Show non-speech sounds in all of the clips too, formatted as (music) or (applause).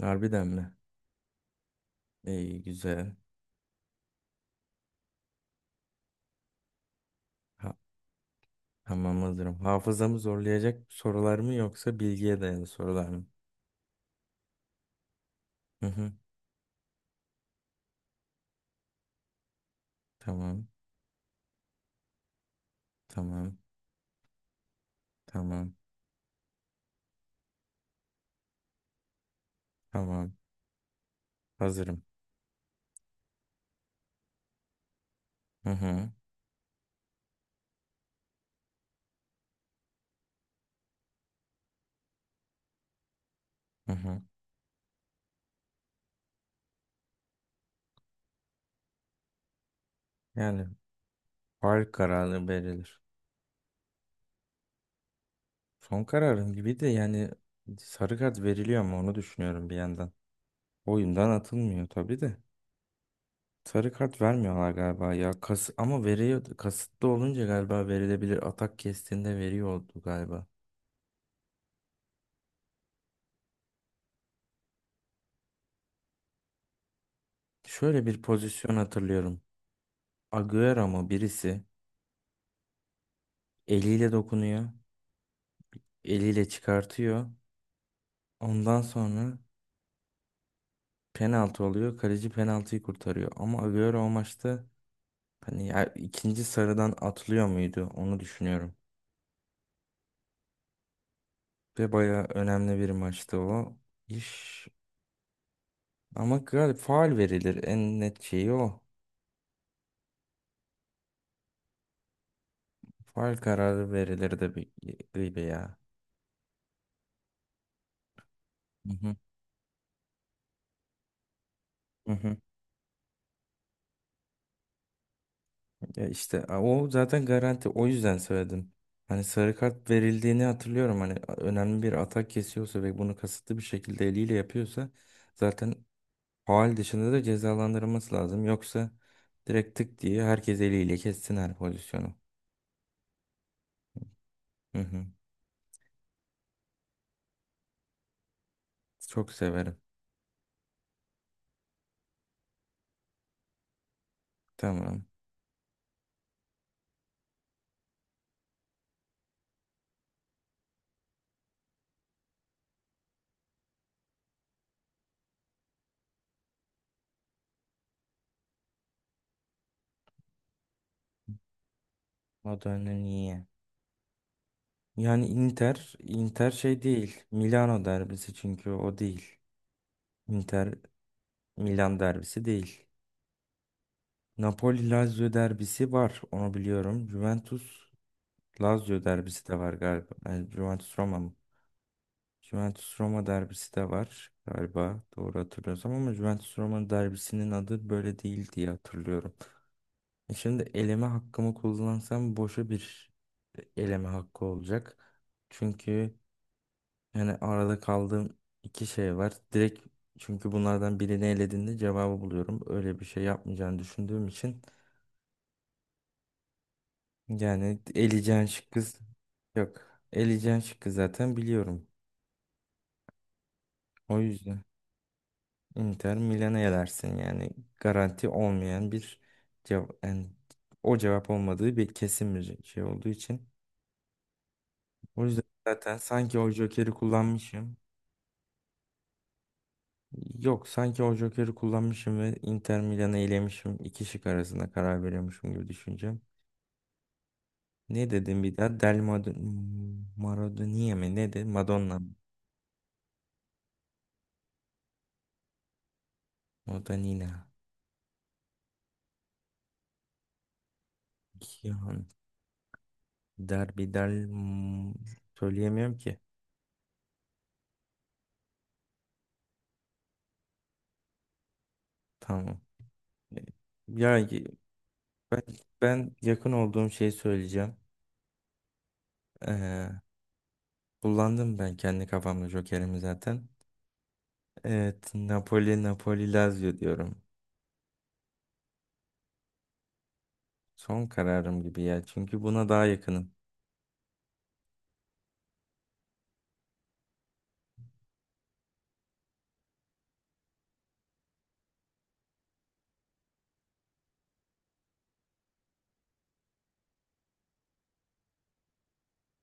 Harbiden mi? İyi güzel. Ha- tamam hazırım. Hafızamı zorlayacak sorular mı yoksa bilgiye dayalı sorular mı? Hı hı. Tamam. Tamam. Tamam. Tamam. Hazırım. Hı hı. Hı hı. Yani faul kararı verilir. Son kararım gibi de yani sarı kart veriliyor mu onu düşünüyorum bir yandan. Oyundan atılmıyor tabii de. Sarı kart vermiyorlar galiba ya. Kas ama veriyor kasıtlı olunca galiba verilebilir. Atak kestiğinde veriyordu galiba. Şöyle bir pozisyon hatırlıyorum. Agüero mu birisi eliyle dokunuyor, eliyle çıkartıyor. Ondan sonra penaltı oluyor. Kaleci penaltıyı kurtarıyor. Ama Agüero o maçta hani ya ikinci sarıdan atlıyor muydu onu düşünüyorum. Ve bayağı önemli bir maçtı o iş. Ama galiba faul verilir. En net şeyi o. Faul kararı verilirdi bir gibi ya. Hı hı. Hı hı. Ya işte, o zaten garanti. O yüzden söyledim. Hani sarı kart verildiğini hatırlıyorum. Hani önemli bir atak kesiyorsa ve bunu kasıtlı bir şekilde eliyle yapıyorsa zaten faul dışında da cezalandırılması lazım. Yoksa direkt tık diye herkes eliyle kessin her pozisyonu. Hı hı. Çok severim. Tamam. Madonna niye? Yani Inter şey değil. Milano derbisi çünkü o değil. Inter Milan derbisi değil. Napoli-Lazio derbisi var. Onu biliyorum. Juventus-Lazio derbisi de var galiba. Yani Juventus-Roma mı? Juventus-Roma derbisi de var galiba. Doğru hatırlıyorsam ama Juventus-Roma derbisinin adı böyle değil diye hatırlıyorum. E şimdi eleme hakkımı kullansam boşa bir eleme hakkı olacak. Çünkü yani arada kaldığım iki şey var. Direkt çünkü bunlardan birini elediğinde cevabı buluyorum. Öyle bir şey yapmayacağını düşündüğüm için yani eleyeceğin şıkkı yok. Eleyeceğin şıkkı zaten biliyorum. O yüzden Inter Milan'a elersin yani. Garanti olmayan bir cevap. Yani o cevap olmadığı bir kesin bir şey olduğu için. O yüzden zaten sanki o Joker'i kullanmışım. Yok, sanki o Joker'i kullanmışım ve Inter Milan'ı elemişim. İki şık arasında karar veriyormuşum gibi düşüneceğim. Ne dedim bir daha? Del Mad Maradona mi? Ne dedi? Madonna mı? Madonnina. Derbidel hmm, Söyleyemiyorum ki. Tamam. E, Ya y- ben, ben yakın olduğum şeyi söyleyeceğim. Ee, Kullandım ben kendi kafamda Joker'imi zaten. Evet, Napoli, Lazio diyorum. Son kararım gibi ya. Çünkü buna daha yakınım.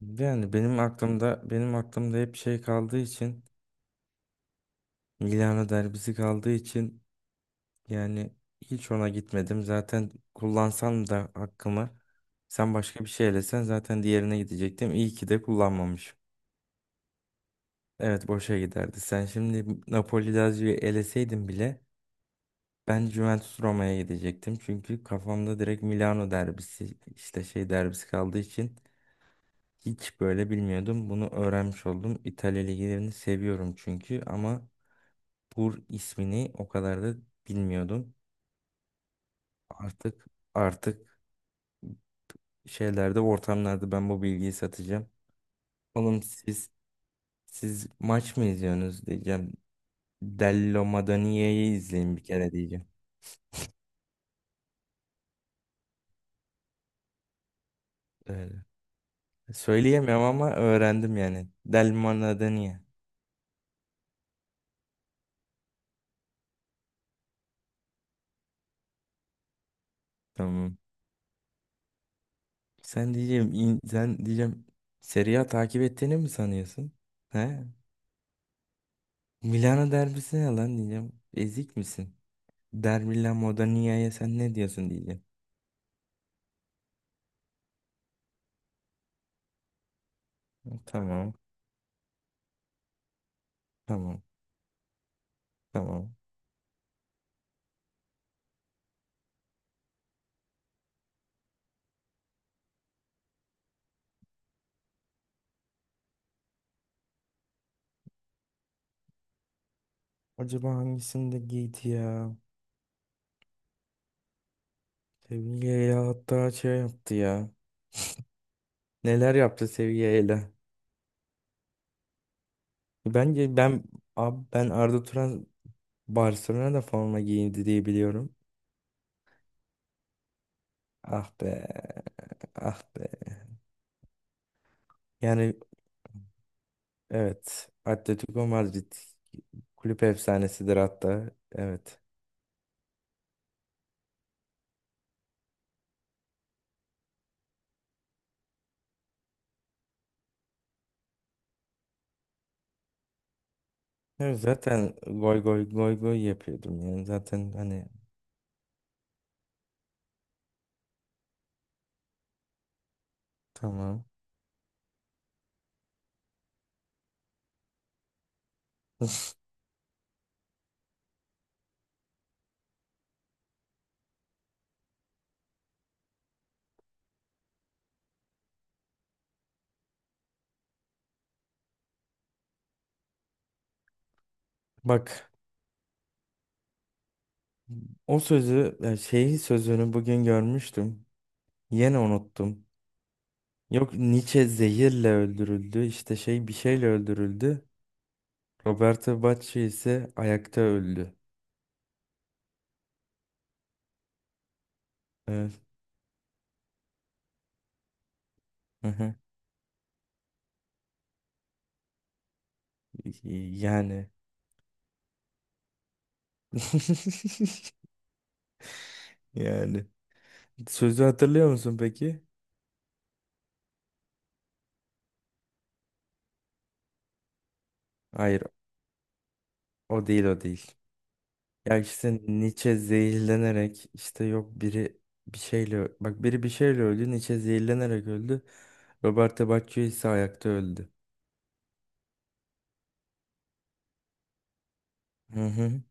Yani benim aklımda hep şey kaldığı için, Milano derbisi kaldığı için, yani hiç ona gitmedim. Zaten kullansam da hakkımı, sen başka bir şey elesen zaten diğerine gidecektim. İyi ki de kullanmamışım. Evet, boşa giderdi. Sen şimdi Napoli Lazio'yu eleseydin bile ben Juventus Roma'ya gidecektim. Çünkü kafamda direkt Milano derbisi işte şey derbisi kaldığı için hiç böyle bilmiyordum. Bunu öğrenmiş oldum. İtalya liglerini seviyorum çünkü ama Pur ismini o kadar da bilmiyordum. Artık artık şeylerde, ortamlarda ben bu bilgiyi satacağım. Oğlum, siz maç mı izliyorsunuz diyeceğim. Dello Madonia'yı izleyin bir kere diyeceğim. Öyle. Söyleyemem ama öğrendim yani. Del Madonia. Tamam. Sen diyeceğim, Serie A takip ettiğini mi sanıyorsun? He? Milano derbisi ne lan diyeceğim. Ezik misin? Dermilla Modania'ya sen ne diyorsun diyeceğim. Tamam. Tamam. Tamam. Acaba hangisinde giydi ya? Seviyeyle hatta şey yaptı ya. Neler yaptı Seviyeyle? Bence, abi, ben Arda Turan Barcelona'da forma giyindi diye biliyorum. Ah be. Ah be. Yani evet. Atletico Madrid kulüp efsanesidir hatta. Evet. Evet, zaten goy goy goy goy yapıyordum yani. Zaten hani tamam. (laughs) Bak, o sözü, şeyi sözünü bugün görmüştüm. Yine unuttum. Yok, Nietzsche zehirle öldürüldü. İşte şey bir şeyle öldürüldü. Roberto Bacci ise ayakta öldü. Evet. Hı hı. Yani. (laughs) Yani. Sözü hatırlıyor musun peki? Hayır, o değil o değil. Ya işte Nietzsche zehirlenerek işte yok biri bir şeyle bak biri bir şeyle öldü. Nietzsche zehirlenerek öldü. Roberto Bacci ise ayakta öldü. Hı hı.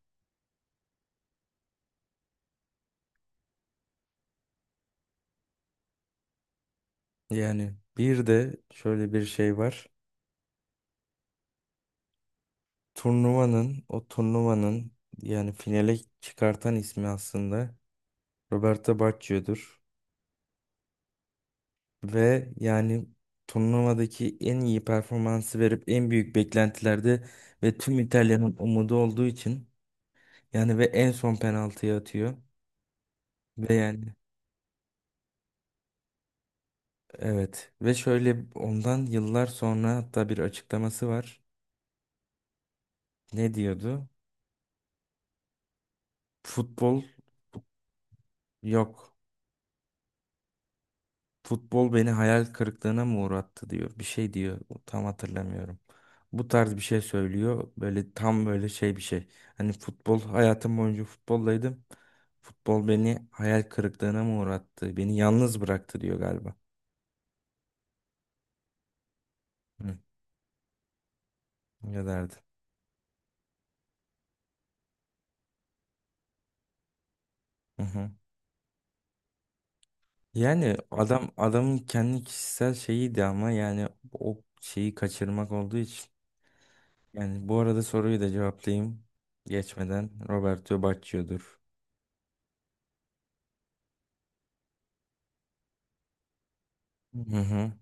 Yani bir de şöyle bir şey var. O turnuvanın yani finale çıkartan ismi aslında Roberto Baggio'dur. Ve yani turnuvadaki en iyi performansı verip en büyük beklentilerde ve tüm İtalya'nın umudu olduğu için yani ve en son penaltıyı atıyor. Ve yani evet, ve şöyle, ondan yıllar sonra hatta bir açıklaması var. Ne diyordu? Futbol, yok. Futbol beni hayal kırıklığına mı uğrattı diyor. Bir şey diyor. Tam hatırlamıyorum. Bu tarz bir şey söylüyor. Böyle tam böyle şey bir şey. Hani futbol, hayatım boyunca futboldaydım. Futbol beni hayal kırıklığına mı uğrattı? Beni yalnız bıraktı diyor galiba. Hı, ne derdi? Hı hı. Yani adamın kendi kişisel şeyiydi ama yani o şeyi kaçırmak olduğu için. Yani bu arada soruyu da cevaplayayım. Geçmeden Roberto Baggio'dur. Hı hı.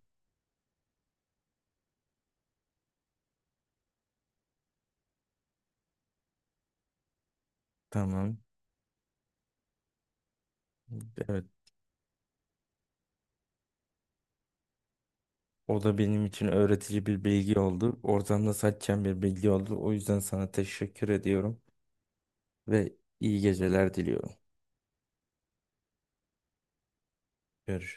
Tamam. Evet. O da benim için öğretici bir bilgi oldu. Oradan da saçacağım bir bilgi oldu. O yüzden sana teşekkür ediyorum ve iyi geceler diliyorum. Görüşürüz.